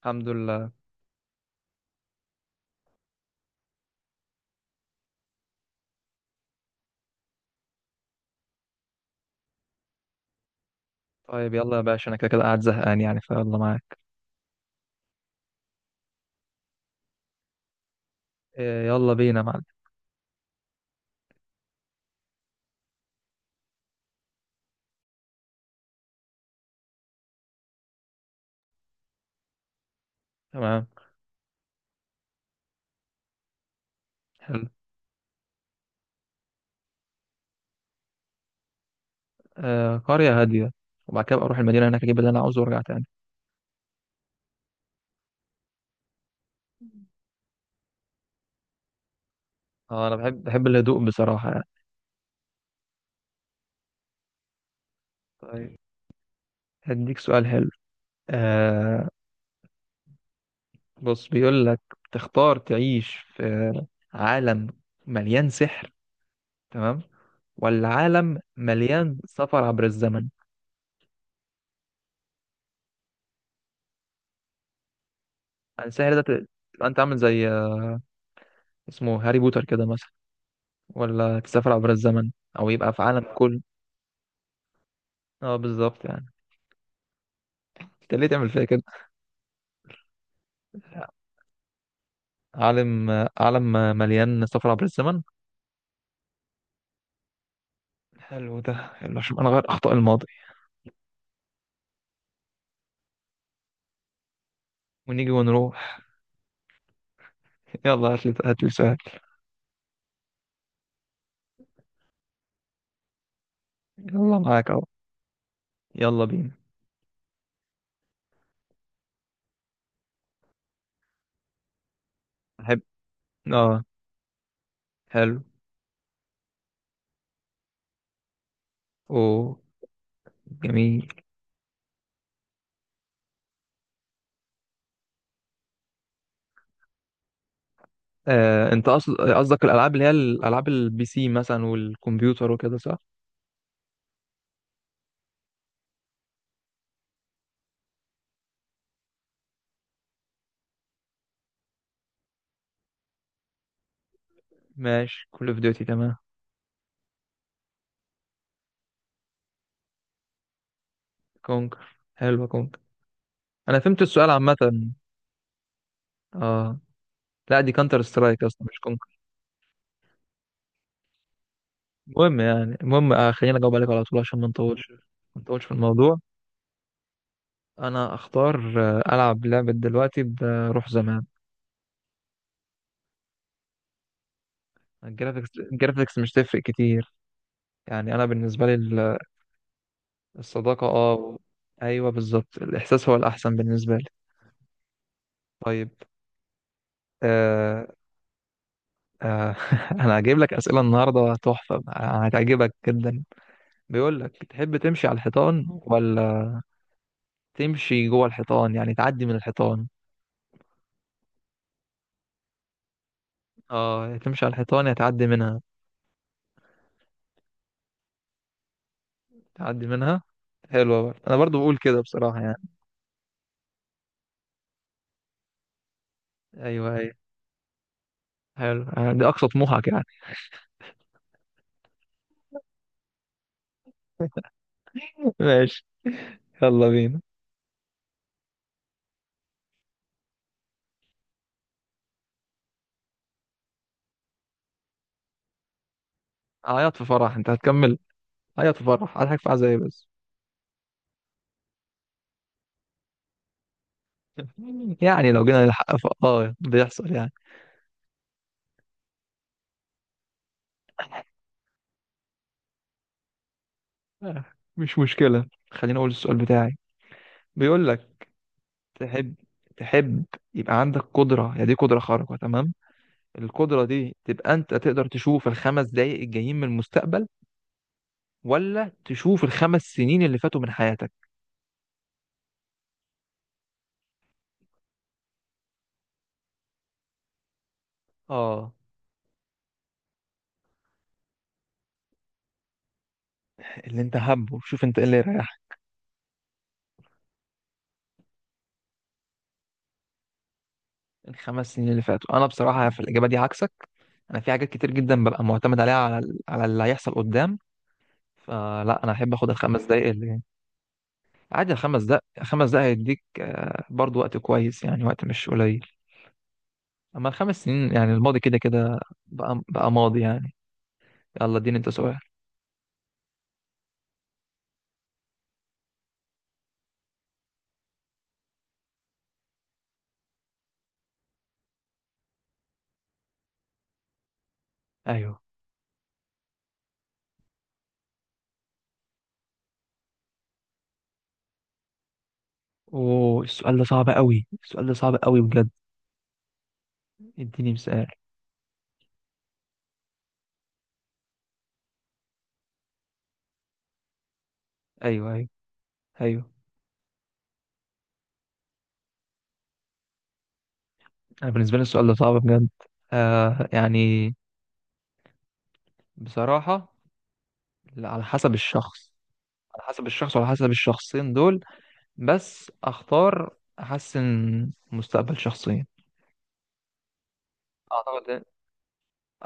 الحمد لله. طيب يلا يا باشا، انا كده كده قاعد زهقان، يعني فيلا معاك. إيه يلا بينا يا معلم. تمام. حلو. آه قرية هادية، وبعد كده أبقى اروح المدينة هناك اجيب اللي انا عاوزه وارجع تاني. اه انا بحب الهدوء بصراحة يعني. طيب هديك سؤال حلو. آه، بص بيقول لك: تختار تعيش في عالم مليان سحر، تمام، ولا عالم مليان سفر عبر الزمن؟ يعني السحر ده تبقى انت عامل زي، اسمه هاري بوتر كده مثلا، ولا تسافر عبر الزمن، او يبقى في عالم كله. اه بالظبط يعني. انت ليه تعمل فيا كده؟ عالم، عالم مليان سفر عبر الزمن. حلو، ده حلو عشان نغير اخطاء الماضي. ونيجي ونروح. يلا هات لي سؤال. يلا معاك اهو. يلا بينا. احب. اه حلو. اوه. جميل. انت قصد قصدك الالعاب اللي هي الالعاب البي سي مثلا والكمبيوتر وكده، صح؟ ماشي، كول اوف ديوتي، تمام. كونكر، حلو كونكر. انا فهمت السؤال عامه. اه. لا دي كانتر سترايك اصلا، مش كونكر. المهم يعني، المهم خلينا اجاوب عليك على طول عشان ما نطولش. ما نطولش في الموضوع. انا اختار، العب لعبه دلوقتي بروح زمان. الجرافيكس، الجرافيكس مش تفرق كتير، يعني انا بالنسبه لي الصداقه، ايوه بالظبط، الاحساس هو الاحسن بالنسبه لي. طيب. آه. آه. انا هجيب لك اسئله النهارده تحفه، هتعجبك جدا. بيقول لك: تحب تمشي على الحيطان، ولا تمشي جوه الحيطان؟ يعني تعدي من الحيطان. اه، يا تمشي على الحيطان يا تعدي منها. تعدي منها. حلوة برضه، أنا برضه بقول كده بصراحة يعني. أيوه أيوه. حلو، يعني دي أقصى طموحك يعني. ماشي. يلا بينا. عيط في فرح، أنت هتكمل. عيط في فرح، هضحك في عزاية بس. يعني لو جينا للحق ف... آه بيحصل يعني. آه، مش مشكلة، خليني أقول السؤال بتاعي. بيقول لك: تحب تحب يبقى عندك قدرة، هي دي قدرة خارقة، تمام. القدرة دي تبقى أنت تقدر تشوف الخمس دقايق الجايين من المستقبل، ولا تشوف الخمس سنين اللي فاتوا من حياتك. اه، اللي انت حابه، شوف انت ايه اللي يريحك. الخمس سنين اللي فاتوا، انا بصراحه في الاجابه دي عكسك. انا في حاجات كتير جدا ببقى معتمد عليها على على اللي هيحصل قدام. فلا، انا احب اخد الخمس دقايق اللي، عادي الخمس دقايق. الخمس دقايق هيديك برضو وقت كويس، يعني وقت مش قليل. اما الخمس سنين، يعني الماضي كده كده بقى، بقى ماضي يعني. يلا اديني انت سؤال. ايوه. اوه السؤال ده صعب قوي، السؤال ده صعب قوي بجد. اديني مثال. ايوه ايوه ايوه. انا بالنسبه لي السؤال ده صعب بجد. آه يعني بصراحة، لا، على حسب الشخص. على حسب الشخص وعلى حسب الشخصين دول. بس اختار احسن، مستقبل شخصين. اعتقد،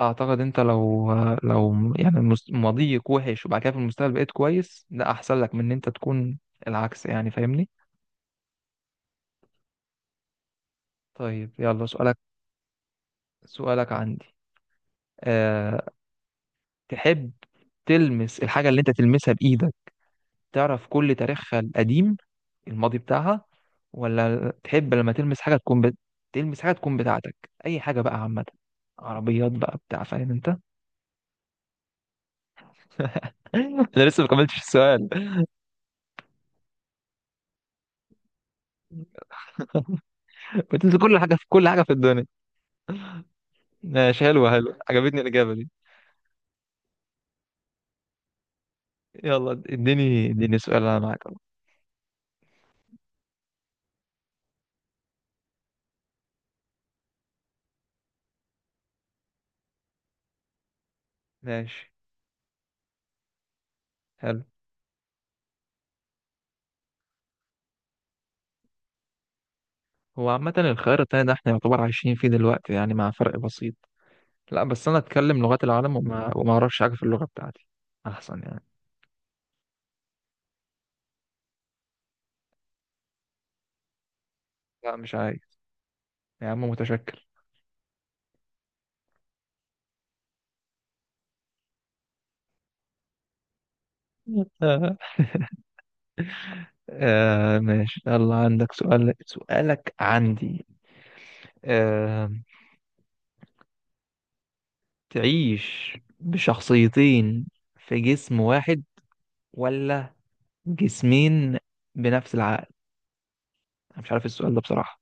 اعتقد انت لو يعني ماضيك وحش وبعد كده في المستقبل بقيت كويس، ده احسن لك من ان انت تكون العكس يعني، فاهمني؟ طيب يلا سؤالك. سؤالك عندي. أه. تحب تلمس الحاجة اللي انت تلمسها بإيدك تعرف كل تاريخها القديم، الماضي بتاعها، ولا تحب لما تلمس حاجة تكون تلمس حاجة تكون بتاعتك، أي حاجة بقى عامة، عربيات بقى بتاع، فاهم أنت؟ أنا لسه ما كملتش السؤال. بتنزل كل حاجة في كل حاجة في الدنيا. ماشي، حلوة حلوة، عجبتني الإجابة دي. يلا اديني سؤال، أنا معاك أهو. ماشي. حلو. هو عامة الخيار التاني ده احنا يعتبر عايشين فيه دلوقتي يعني، مع فرق بسيط. لا بس أنا أتكلم لغات العالم، وما أعرفش حاجة في اللغة بتاعتي. أحسن يعني. لا مش عايز، يا عم متشكر. آه ماشي، يلا عندك سؤال؟ سؤالك عندي. آه. تعيش بشخصيتين في جسم واحد، ولا جسمين بنفس العقل؟ أنا مش عارف السؤال ده بصراحة،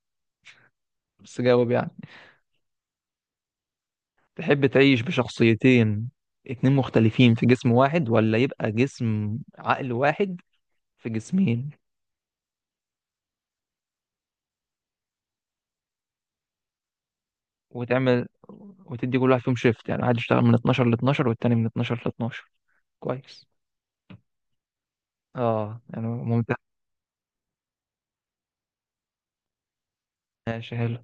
بس جاوب يعني. تحب تعيش بشخصيتين اتنين مختلفين في جسم واحد، ولا يبقى جسم عقل واحد في جسمين؟ وتعمل وتدي كل واحد فيهم شيفت، يعني واحد يشتغل من 12 ل 12 والتاني من 12 ل 12. كويس. اه يعني ممتاز. ماشي حلو.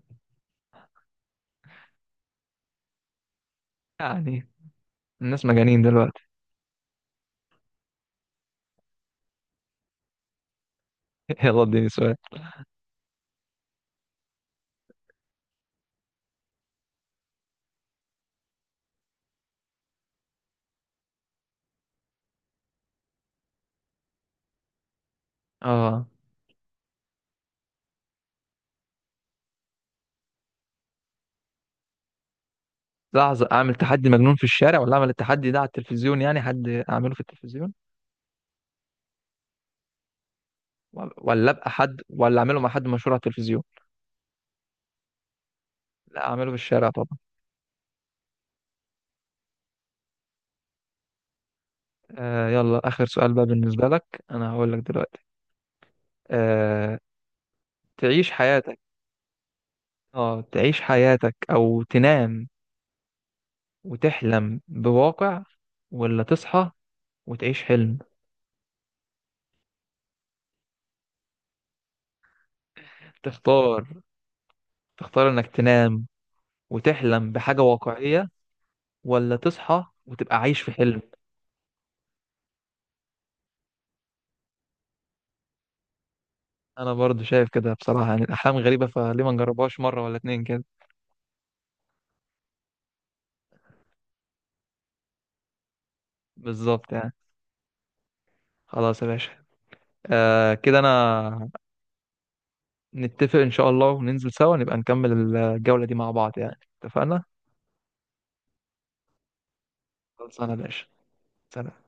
يعني الناس مجانين دلوقتي. يلا اديني سؤال. اه. لحظة، اعمل تحدي مجنون في الشارع ولا اعمل التحدي ده على التلفزيون، يعني حد اعمله في التلفزيون، ولا ابقى حد ولا اعمله مع حد مشهور على التلفزيون. لا اعمله في الشارع طبعا. آه يلا اخر سؤال بقى بالنسبة لك. انا هقول لك دلوقتي. آه. تعيش حياتك اه تعيش حياتك او تنام وتحلم بواقع، ولا تصحى وتعيش حلم؟ تختار، تختار انك تنام وتحلم بحاجة واقعية، ولا تصحى وتبقى عايش في حلم. انا برضو شايف كده بصراحة، يعني الاحلام غريبة، فليه ما نجربهاش مرة ولا اتنين كده. بالظبط يعني. خلاص يا باشا. آه كده انا نتفق ان شاء الله وننزل سوا نبقى نكمل الجولة دي مع بعض يعني، اتفقنا؟ خلصانة يا باشا. سلام.